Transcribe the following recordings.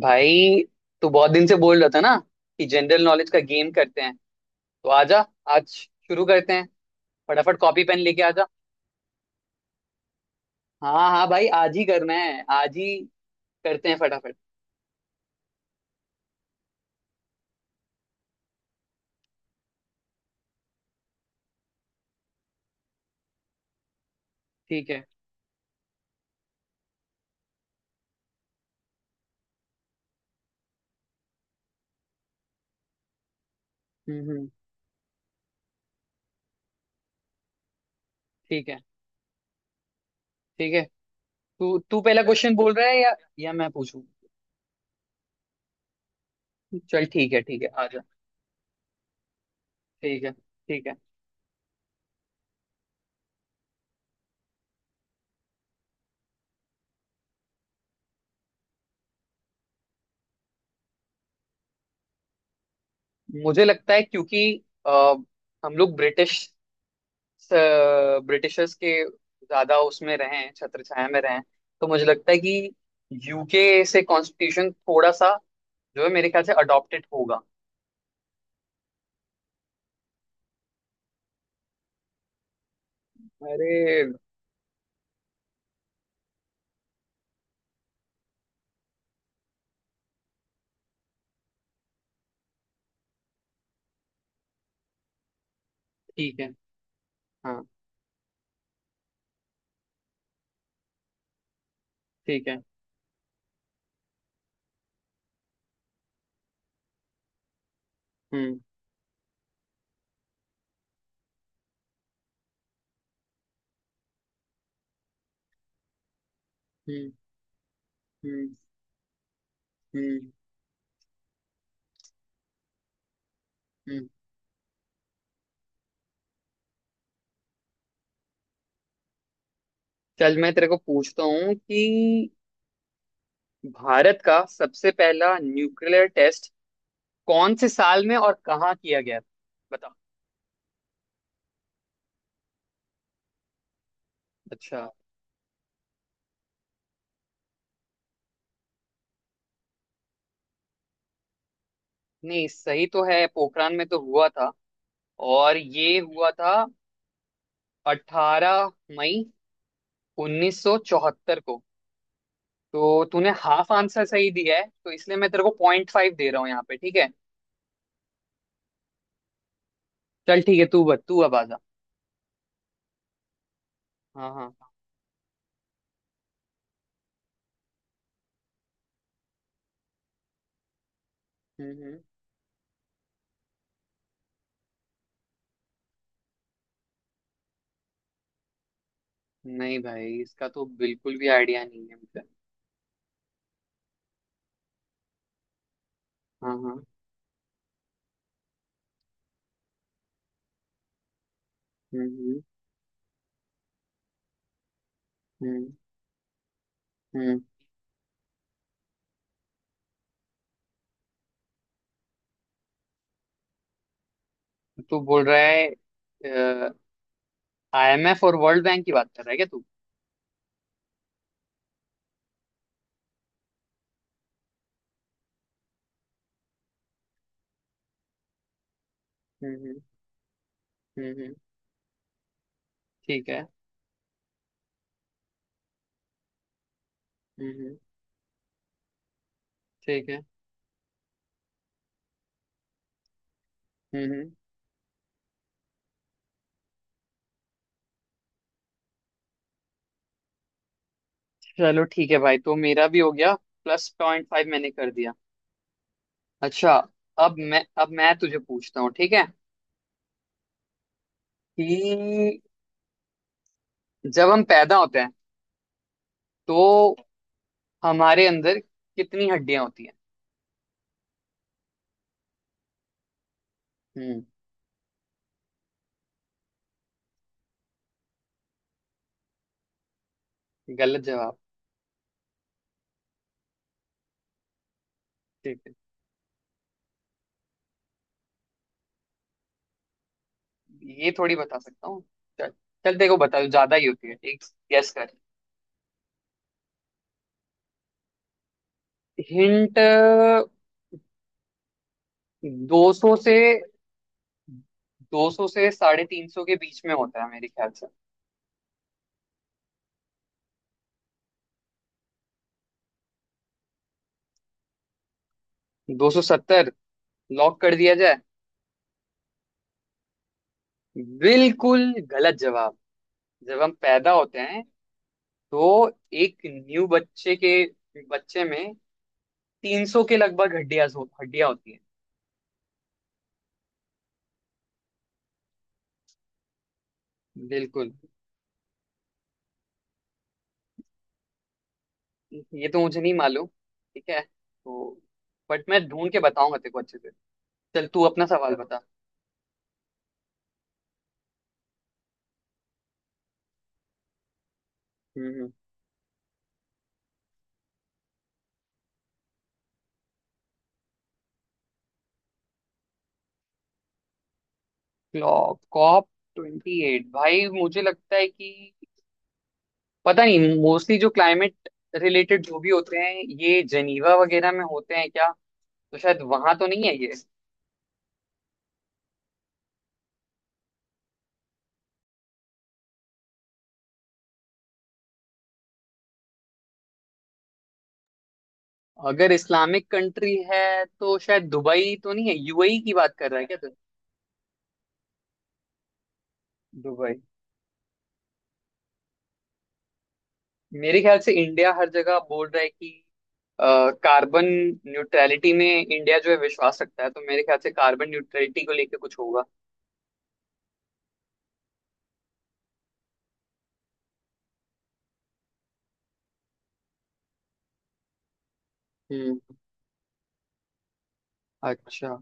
भाई, तू बहुत दिन से बोल रहा था ना कि जनरल नॉलेज का गेम करते हैं। तो आजा, आज शुरू करते हैं, फटाफट कॉपी पेन लेके आजा। हाँ हाँ भाई, आज ही करना है, आज ही करते हैं फटाफट। ठीक है। हम्म हम्म, ठीक है। ठीक है। तू तू पहला क्वेश्चन बोल रहा है, या मैं पूछूं? चल ठीक है ठीक है, आजा। ठीक है। ठीक है। मुझे लगता है क्योंकि हम लोग ब्रिटिशर्स के ज्यादा उसमें रहे हैं, छत्र छाया में रहे हैं। तो मुझे लगता है कि यूके से कॉन्स्टिट्यूशन थोड़ा सा जो है मेरे ख्याल से अडॉप्टेड होगा। अरे, ठीक है। हाँ, ठीक है। हम्म हम्म हम्म हम्म हम्म। चल मैं तेरे को पूछता हूँ कि भारत का सबसे पहला न्यूक्लियर टेस्ट कौन से साल में और कहाँ किया गया था, बता। अच्छा। नहीं, सही तो है, पोखरान में तो हुआ था। और ये हुआ था 18 मई 1974 को। तो तूने हाफ आंसर सही दिया है, तो इसलिए मैं तेरे को 0.5 दे रहा हूँ यहाँ पे। ठीक है। चल ठीक है, तू अब आजा। हाँ हाँ। हम्म हम्म। नहीं भाई, इसका तो बिल्कुल भी आइडिया नहीं है मुझे। हाँ हाँ। हम्म हम्म हम्म हम्म। तू बोल रहा है, आईएमएफ और वर्ल्ड बैंक की बात कर रहा है क्या तू? हम्म हम्म हम्म हम्म। ठीक है। हम्म हम्म। ठीक है। हम्म हम्म। चलो ठीक है भाई, तो मेरा भी हो गया, प्लस 0.5 मैंने कर दिया। अच्छा। अब मैं तुझे पूछता हूँ, ठीक है? कि जब हम पैदा होते हैं तो हमारे अंदर कितनी हड्डियां होती हैं? हम्म। गलत जवाब। ठीक है, ये थोड़ी बता सकता हूँ। चल चल, देखो बता दो, ज्यादा ही होती है ठीक, गेस कर। हिंट। दो सौ से 200 से 350 के बीच में होता है मेरे ख्याल से। 270, लॉक कर दिया जाए। बिल्कुल गलत जवाब। जब हम पैदा होते हैं तो एक न्यू बच्चे में 300 के लगभग हड्डियां होती हैं। बिल्कुल। ये तो मुझे नहीं मालूम। ठीक है तो बट मैं ढूंढ के बताऊंगा तेरे को अच्छे से। चल तू अपना सवाल बता। हम्म। क्लॉप कॉप ट्वेंटी एट, भाई मुझे लगता है कि पता नहीं, मोस्टली जो क्लाइमेट रिलेटेड जो भी होते हैं ये जेनीवा वगैरह में होते हैं क्या? तो शायद वहां तो नहीं है ये। अगर इस्लामिक कंट्री है तो शायद दुबई तो नहीं है? यूएई की बात कर रहा है क्या? दुबई। मेरे ख्याल से इंडिया हर जगह बोल रहा है कि अ, कार्बन न्यूट्रलिटी में इंडिया जो है विश्वास रखता है, तो मेरे ख्याल से कार्बन न्यूट्रलिटी को लेके कुछ होगा। हम्म। अच्छा।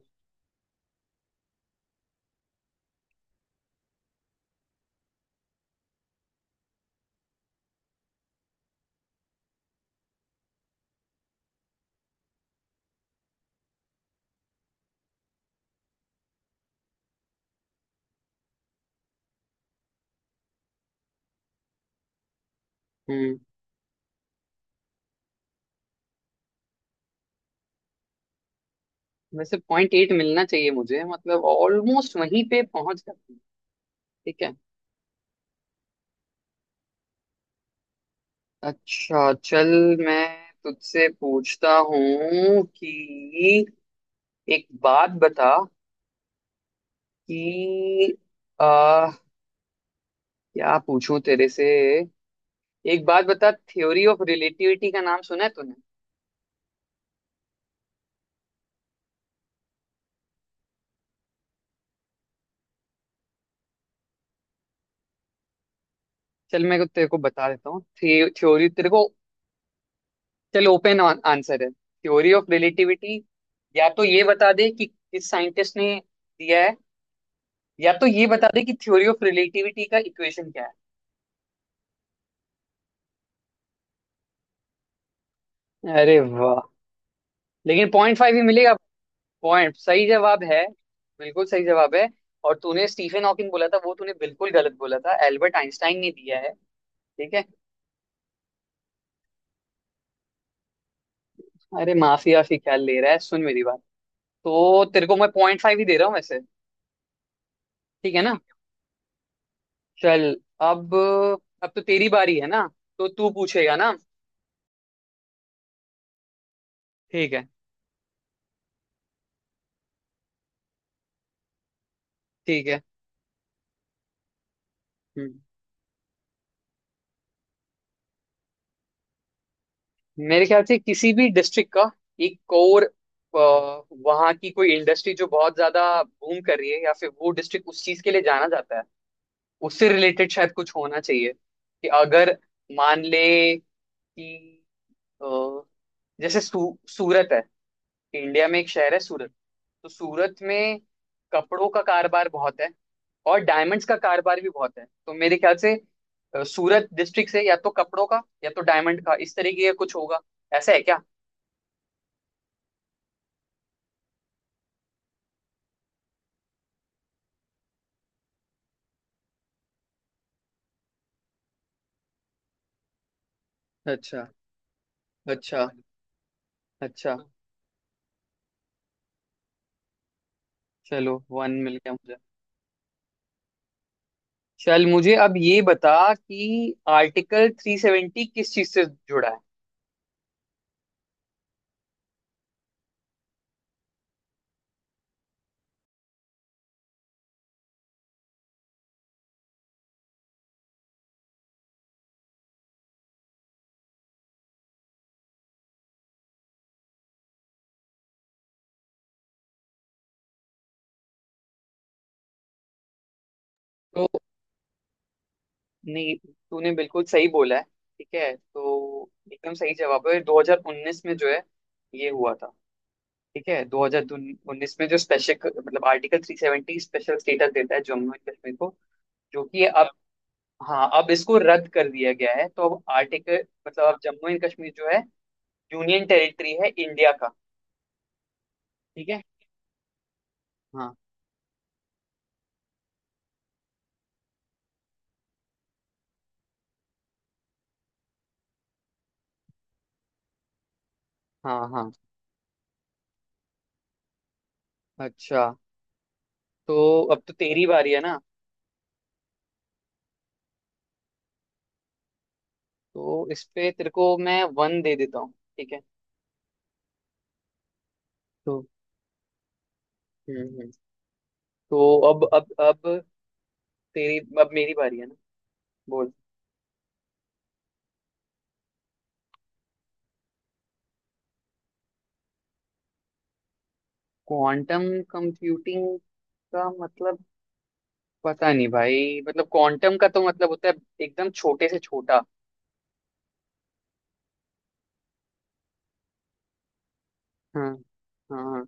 हम्म। वैसे 0.8 मिलना चाहिए मुझे, मतलब ऑलमोस्ट वहीं पे पहुंच जाती हूँ। ठीक है। अच्छा चल, मैं तुझसे पूछता हूँ कि एक बात बता कि आ, क्या पूछूं तेरे से? एक बात बता, थ्योरी ऑफ रिलेटिविटी का नाम सुना है तूने? चल मैं तेरे को बता देता हूँ। थ्योरी तेरे को, चल ओपन आंसर है थ्योरी ऑफ रिलेटिविटी। या तो ये बता दे कि किस साइंटिस्ट ने दिया है, या तो ये बता दे कि थ्योरी ऑफ रिलेटिविटी का इक्वेशन क्या है। अरे वाह, लेकिन 0.5 ही मिलेगा। पॉइंट सही जवाब है, बिल्कुल सही जवाब है। और तूने स्टीफन हॉकिंग बोला था, वो तूने बिल्कुल गलत बोला था। एल्बर्ट आइंस्टाइन ने दिया है। ठीक है। अरे माफी आफी ख्याल ले रहा है, सुन मेरी बात। तो तेरे को मैं 0.5 ही दे रहा हूँ वैसे। ठीक है ना? चल। अब अब तो तेरी बारी है ना? तो तू पूछेगा ना? ठीक है। ठीक है। हम्म। मेरे ख्याल से किसी भी डिस्ट्रिक्ट का एक कोर वहाँ की कोई इंडस्ट्री जो बहुत ज्यादा बूम कर रही है, या फिर वो डिस्ट्रिक्ट उस चीज के लिए जाना जाता है, उससे रिलेटेड शायद कुछ होना चाहिए। कि अगर मान ले कि अ, जैसे सूरत है, इंडिया में एक शहर है सूरत। तो सूरत में कपड़ों का कारोबार बहुत है, और डायमंड्स का कारोबार भी बहुत है। तो मेरे ख्याल से सूरत डिस्ट्रिक्ट से या तो कपड़ों का या तो डायमंड का इस तरीके का कुछ होगा। ऐसा है क्या? अच्छा अच्छा अच्छा। चलो वन मिल गया मुझे। चल मुझे अब ये बता कि आर्टिकल 370 किस चीज से जुड़ा है? तो नहीं, तूने बिल्कुल सही बोला है। ठीक है, तो एकदम सही जवाब है। 2019 में जो है ये हुआ था। ठीक है, 2019 में जो स्पेशल मतलब आर्टिकल 370 स्पेशल स्टेटस देता है जम्मू एंड कश्मीर को, जो कि अब, हाँ, अब इसको रद्द कर दिया गया है। तो अब आर्टिकल मतलब अब जम्मू एंड कश्मीर जो है यूनियन टेरिटरी है इंडिया का। ठीक है। हाँ। हाँ हाँ। अच्छा, तो अब तो तेरी बारी है ना? तो इस पे तेरे को मैं वन दे देता हूँ। ठीक है। तो हम्म हम्म। तो अब तेरी अब मेरी बारी है ना? बोल। क्वांटम कंप्यूटिंग का मतलब पता नहीं भाई, मतलब क्वांटम का तो मतलब होता है एकदम छोटे से छोटा। हाँ हाँ।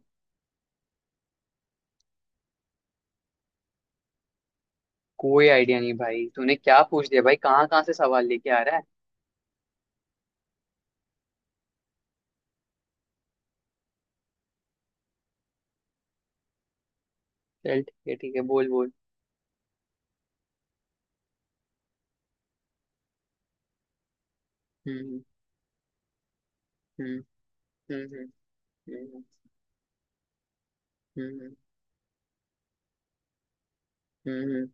कोई आइडिया नहीं भाई, तूने क्या पूछ लिया भाई, कहाँ कहाँ से सवाल लेके आ रहा है? चल ठीक है ठीक है, बोल बोल। हम्म हम्म हम्म हम्म हम्म हम्म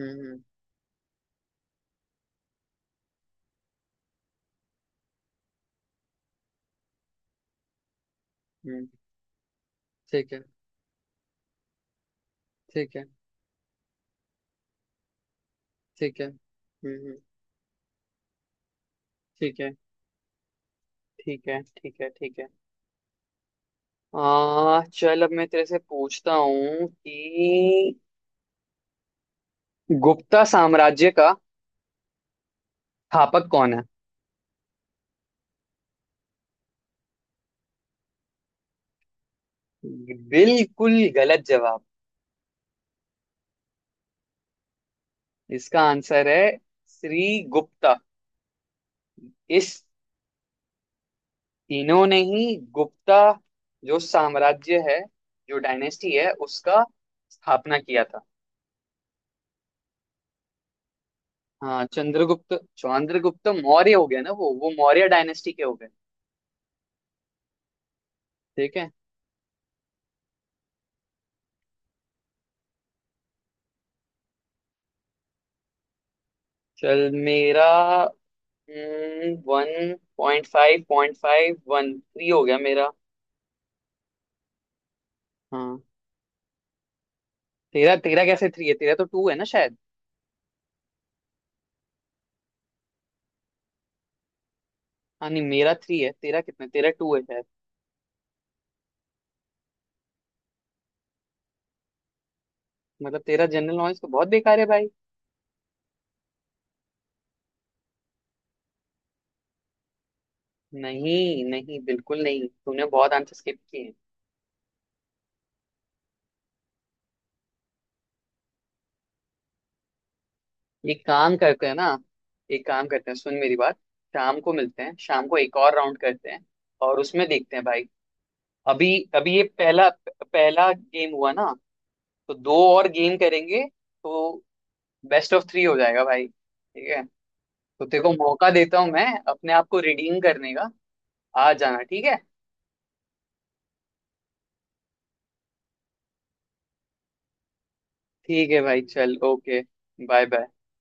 हम्म हम्म हम्म। ठीक है। ठीक है। ठीक है। ठीक है। ठीक है। ठीक है। ठीक है। आ चल, अब मैं तेरे से पूछता हूँ कि गुप्ता साम्राज्य का स्थापक कौन है? बिल्कुल गलत जवाब। इसका आंसर है श्री गुप्ता। इस तीनों ने ही गुप्ता जो साम्राज्य है, जो डायनेस्टी है, उसका स्थापना किया था। हाँ, चंद्रगुप्त चंद्रगुप्त मौर्य हो गया ना वो मौर्य डायनेस्टी के हो गए। ठीक है। चल, मेरा वन 0.5 0.5 वन थ्री हो गया मेरा। हाँ, तेरा तेरा कैसे थ्री है? तेरा तो टू है ना शायद। हाँ नहीं, मेरा थ्री है, तेरा टू है शायद। मतलब तेरा जनरल नॉलेज तो बहुत बेकार है भाई। नहीं नहीं बिल्कुल नहीं, तूने बहुत आंसर स्किप किए हैं। एक काम करते हैं ना, एक काम करते हैं, सुन मेरी बात। शाम को मिलते हैं, शाम को एक और राउंड करते हैं और उसमें देखते हैं भाई। अभी अभी ये पहला पहला गेम हुआ ना, तो दो और गेम करेंगे, तो बेस्ट ऑफ थ्री हो जाएगा भाई। ठीक है? तो तेरे को मौका देता हूँ मैं अपने आप को रिडीम करने का। आ जाना। ठीक है। ठीक है भाई चल, ओके। Bye bye.